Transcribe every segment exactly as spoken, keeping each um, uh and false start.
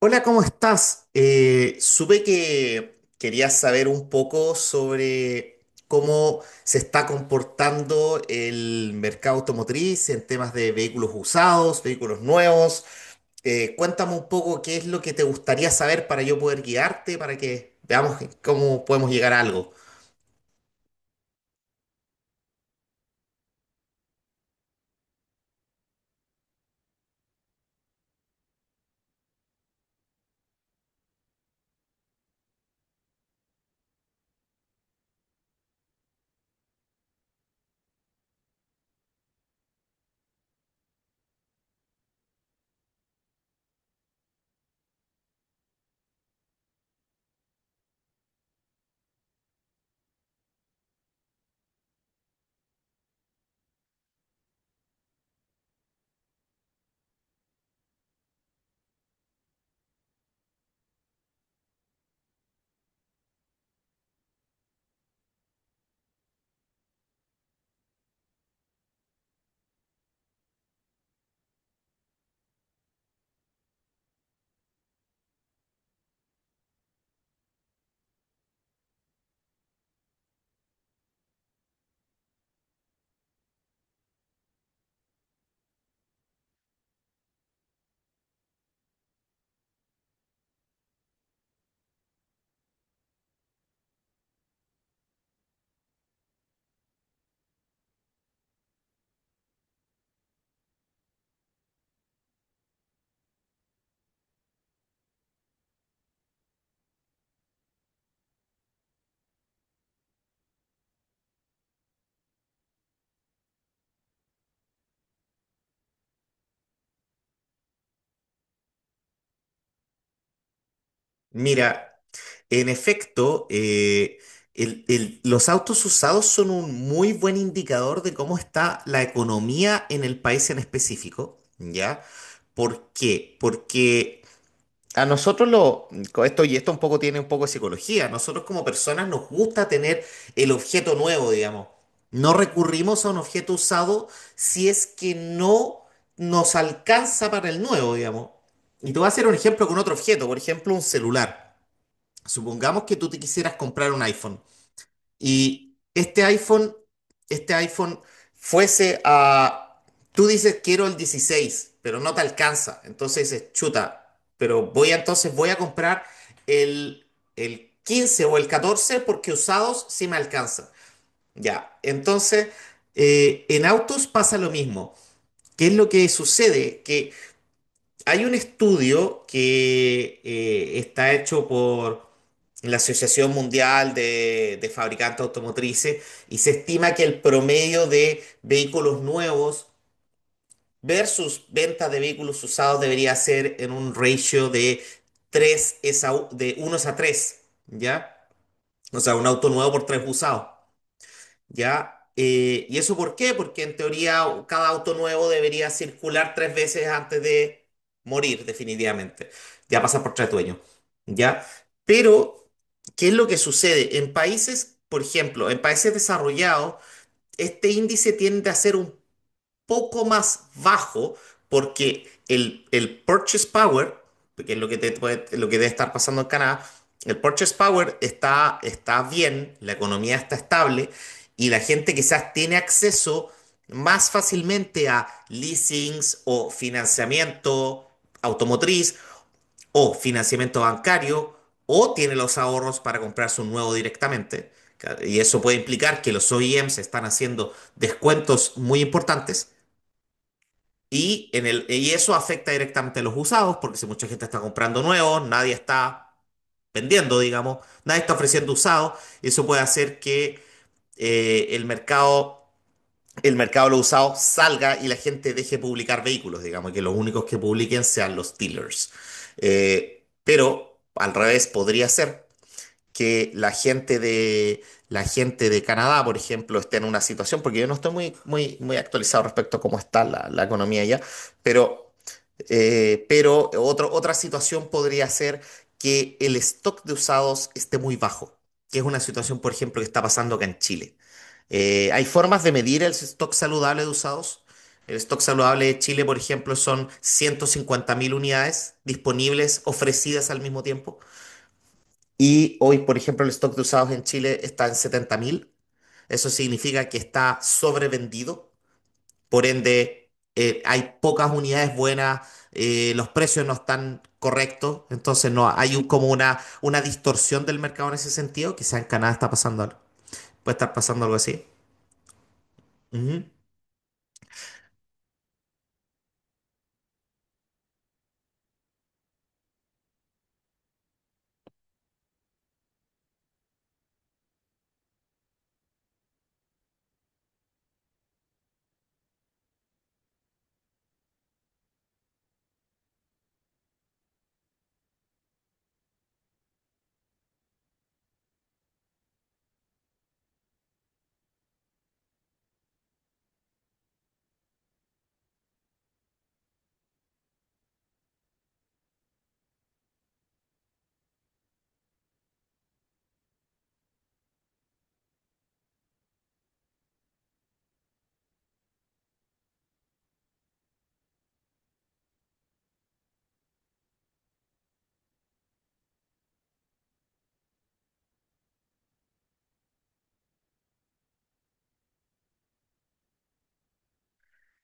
Hola, ¿cómo estás? Eh, supe que querías saber un poco sobre cómo se está comportando el mercado automotriz en temas de vehículos usados, vehículos nuevos. Eh, cuéntame un poco qué es lo que te gustaría saber para yo poder guiarte, para que veamos cómo podemos llegar a algo. Mira. En efecto, eh, el- el- los autos usados son un muy buen indicador de cómo está la economía en el país en específico, ¿ya? ¿Por qué? Porque a nosotros lo, con esto y esto un poco tiene un poco de psicología, a nosotros como personas nos gusta tener el objeto nuevo, digamos. No recurrimos a un objeto usado si es que no nos alcanza para el nuevo, digamos. Y te voy a hacer un ejemplo con otro objeto, por ejemplo, un celular. Supongamos que tú te quisieras comprar un iPhone y este iPhone, este iPhone fuese a... Tú dices quiero el dieciséis, pero no te alcanza. Entonces dices, chuta, pero voy a entonces voy a comprar el, el quince o el catorce porque usados sí me alcanza. Ya, entonces eh, en autos pasa lo mismo. ¿Qué es lo que sucede? Que hay un estudio que eh, está hecho por la Asociación Mundial de, de Fabricantes Automotrices y se estima que el promedio de vehículos nuevos versus ventas de vehículos usados debería ser en un ratio de tres es a u- de uno es a tres, ¿ya? O sea, un auto nuevo por tres usados. ¿Ya? Eh, ¿y eso por qué? Porque en teoría cada auto nuevo debería circular tres veces antes de morir, definitivamente. Ya pasa por tres dueños, ¿ya? Pero, ¿qué es lo que sucede? En países, por ejemplo, en países desarrollados, este índice tiende a ser un poco más bajo porque el, el purchase power, que es lo que, te puede- lo que debe estar pasando en Canadá, el purchase power está, está bien, la economía está estable y la gente quizás tiene acceso más fácilmente a leasings o financiamiento automotriz o financiamiento bancario o tiene los ahorros para comprarse un nuevo directamente. Y eso puede implicar que los O E Ms están haciendo descuentos muy importantes. Y, en el, y eso afecta directamente a los usados, porque si mucha gente está comprando nuevos, nadie está vendiendo, digamos, nadie está ofreciendo usados, y eso puede hacer que eh, el mercado, el mercado de los usados salga y la gente deje publicar vehículos, digamos, y que los únicos que publiquen sean los dealers. Eh, pero al revés podría ser, que la gente de, la gente de Canadá, por ejemplo, esté en una situación, porque yo no estoy muy, muy, muy actualizado respecto a cómo está la, la economía allá, pero, eh, pero otro- otra situación podría ser que el stock de usados esté muy bajo, que es una situación, por ejemplo, que está pasando acá en Chile. Eh, hay formas de medir el stock saludable de usados. El stock saludable de Chile, por ejemplo, son ciento cincuenta mil unidades disponibles, ofrecidas al mismo tiempo. Y hoy, por ejemplo, el stock de usados en Chile está en setenta mil. Eso significa que está sobrevendido. Por ende, eh, hay pocas unidades buenas, eh, los precios no están correctos. Entonces, no hay un- como una, una distorsión del mercado en ese sentido. Quizá en Canadá está pasando algo. Puede estar pasando algo así. Ujú.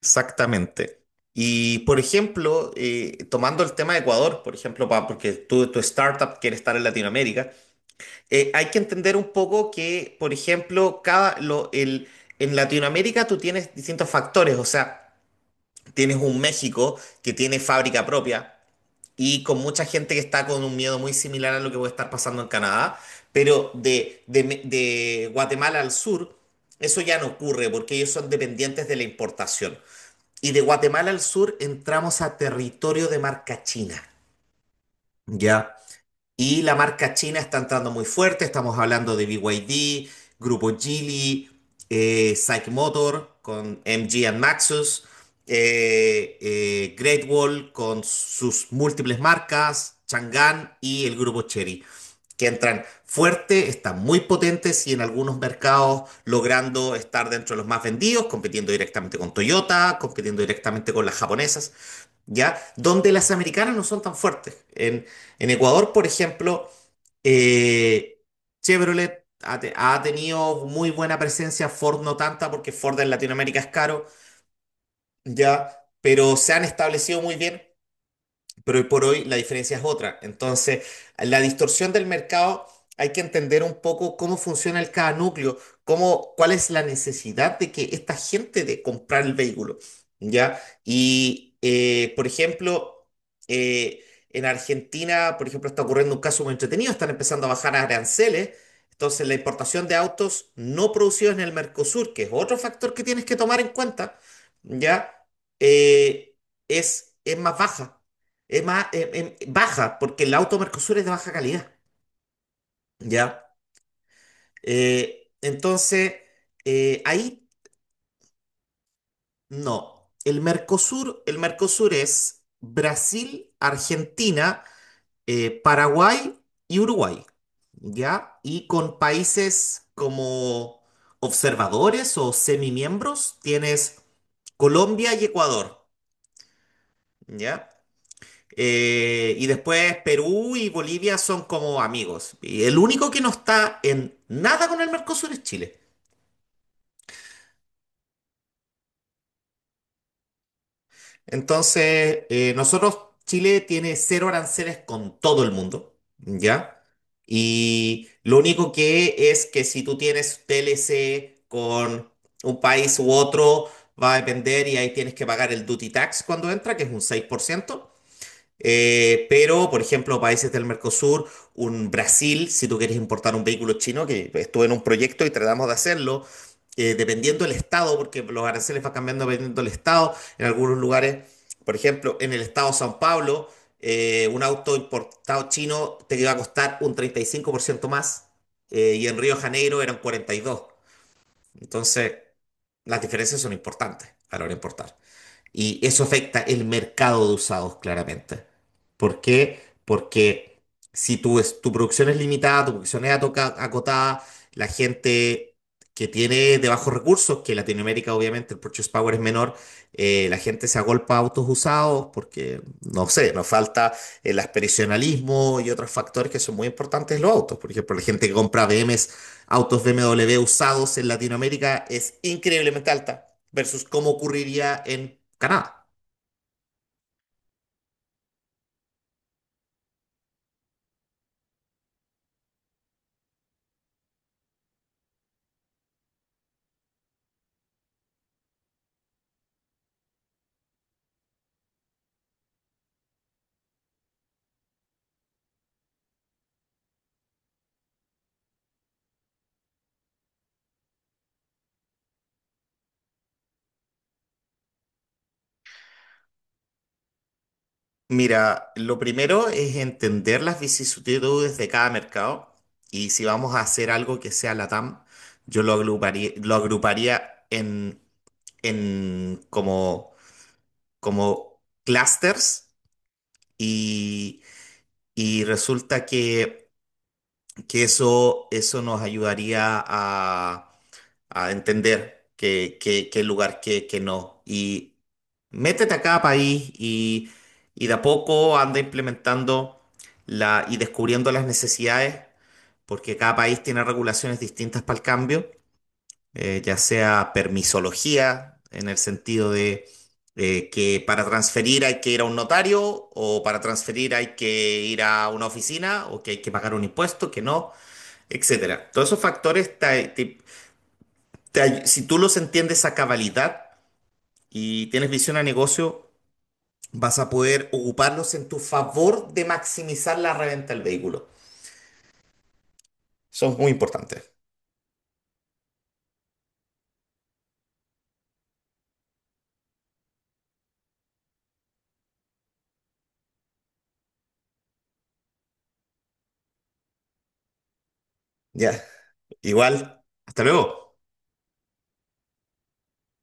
Exactamente. Y, por ejemplo, eh, tomando el tema de Ecuador, por ejemplo, pa- porque tu, tu startup quiere estar en Latinoamérica, eh, hay que entender un poco que, por ejemplo, cada, lo, el, en Latinoamérica tú tienes distintos factores, o sea, tienes un México que tiene fábrica propia y con mucha gente que está con un miedo muy similar a lo que puede estar pasando en Canadá, pero de, de, Me- de Guatemala al sur, eso ya no ocurre porque ellos son dependientes de la importación. Y de Guatemala al sur entramos a territorio de marca china. ¿Ya? Y la marca china está entrando muy fuerte. Estamos hablando de B Y D, Grupo Geely, eh, Psych Motor con M G and Maxus, eh, eh, Great Wall con sus múltiples marcas, Chang'an y el Grupo Chery, que entran fuerte, están muy potentes y en algunos mercados logrando estar dentro de los más vendidos, compitiendo directamente con Toyota, compitiendo directamente con las japonesas. ¿Ya? Donde las americanas no son tan fuertes. En, en Ecuador, por ejemplo, eh, Chevrolet ha, te- ha tenido muy buena presencia, Ford no tanta, porque Ford en Latinoamérica es caro, ¿ya? Pero se han establecido muy bien, pero hoy por hoy la diferencia es otra. Entonces, la distorsión del mercado hay que entender un poco cómo funciona el cada núcleo, cómo, cuál es la necesidad de que esta gente de comprar el vehículo, ¿ya? Y, eh, por ejemplo, eh, en Argentina, por ejemplo, está ocurriendo un caso muy entretenido, están empezando a bajar aranceles. Entonces, la importación de autos no producidos en el Mercosur, que es otro factor que tienes que tomar en cuenta, ¿ya? Eh, es, es más baja, es más, eh, eh, baja, porque el auto Mercosur es de baja calidad, ¿ya? Eh, entonces, eh, ahí no. El Mercosur, el Mercosur es Brasil, Argentina, eh, Paraguay y Uruguay, ¿ya? Y con países como observadores o semimiembros tienes Colombia y Ecuador, ¿ya? Eh, y después Perú y Bolivia son como amigos. Y el único que no está en nada con el Mercosur es Chile. Entonces, eh, nosotros, Chile tiene cero aranceles con todo el mundo, ¿ya? Y lo único que es que si tú tienes T L C con un país u otro, va a depender y ahí tienes que pagar el duty tax cuando entra, que es un seis por ciento. Eh, pero, por ejemplo, países del Mercosur, un Brasil, si tú quieres importar un vehículo chino, que estuve en un proyecto y tratamos de hacerlo, eh, dependiendo del estado, porque los aranceles van cambiando dependiendo del estado. En algunos lugares, por ejemplo, en el estado de São Paulo, eh, un auto importado chino te iba a costar un treinta y cinco por ciento más, eh, y en Río de Janeiro eran cuarenta y dos por ciento. Entonces, las diferencias son importantes a la hora de importar. Y eso afecta el mercado de usados, claramente. ¿Por qué? Porque si tu, es- tu producción es limitada, tu producción es atoca- acotada, la gente que tiene de bajos recursos, que en Latinoamérica obviamente el purchase power es menor, eh, la gente se agolpa a autos usados porque, no sé, nos falta el aspiracionalismo y otros factores que son muy importantes en los autos. Por ejemplo, la gente que compra B M Ws, autos B M W usados en Latinoamérica es increíblemente alta versus cómo ocurriría en Canadá. Mira, lo primero es entender las vicisitudes de cada mercado y si vamos a hacer algo que sea LATAM, yo lo agruparía, lo agruparía en, en como, como clusters y, y resulta que, que eso, eso nos ayudaría a a entender qué, qué, qué lugar, qué, qué no. Y métete a cada país y, y de a poco anda implementando la, y descubriendo las necesidades, porque cada país tiene regulaciones distintas para el cambio, eh, ya sea permisología, en el sentido de eh, que para transferir hay que ir a un notario, o para transferir hay que ir a una oficina, o que hay que pagar un impuesto, que no, etcétera. Todos esos factores te, te te ay- si tú los entiendes a cabalidad y tienes visión a negocio, vas a poder ocuparlos en tu favor de maximizar la reventa del vehículo. Son muy importantes. Ya. Igual. Hasta luego.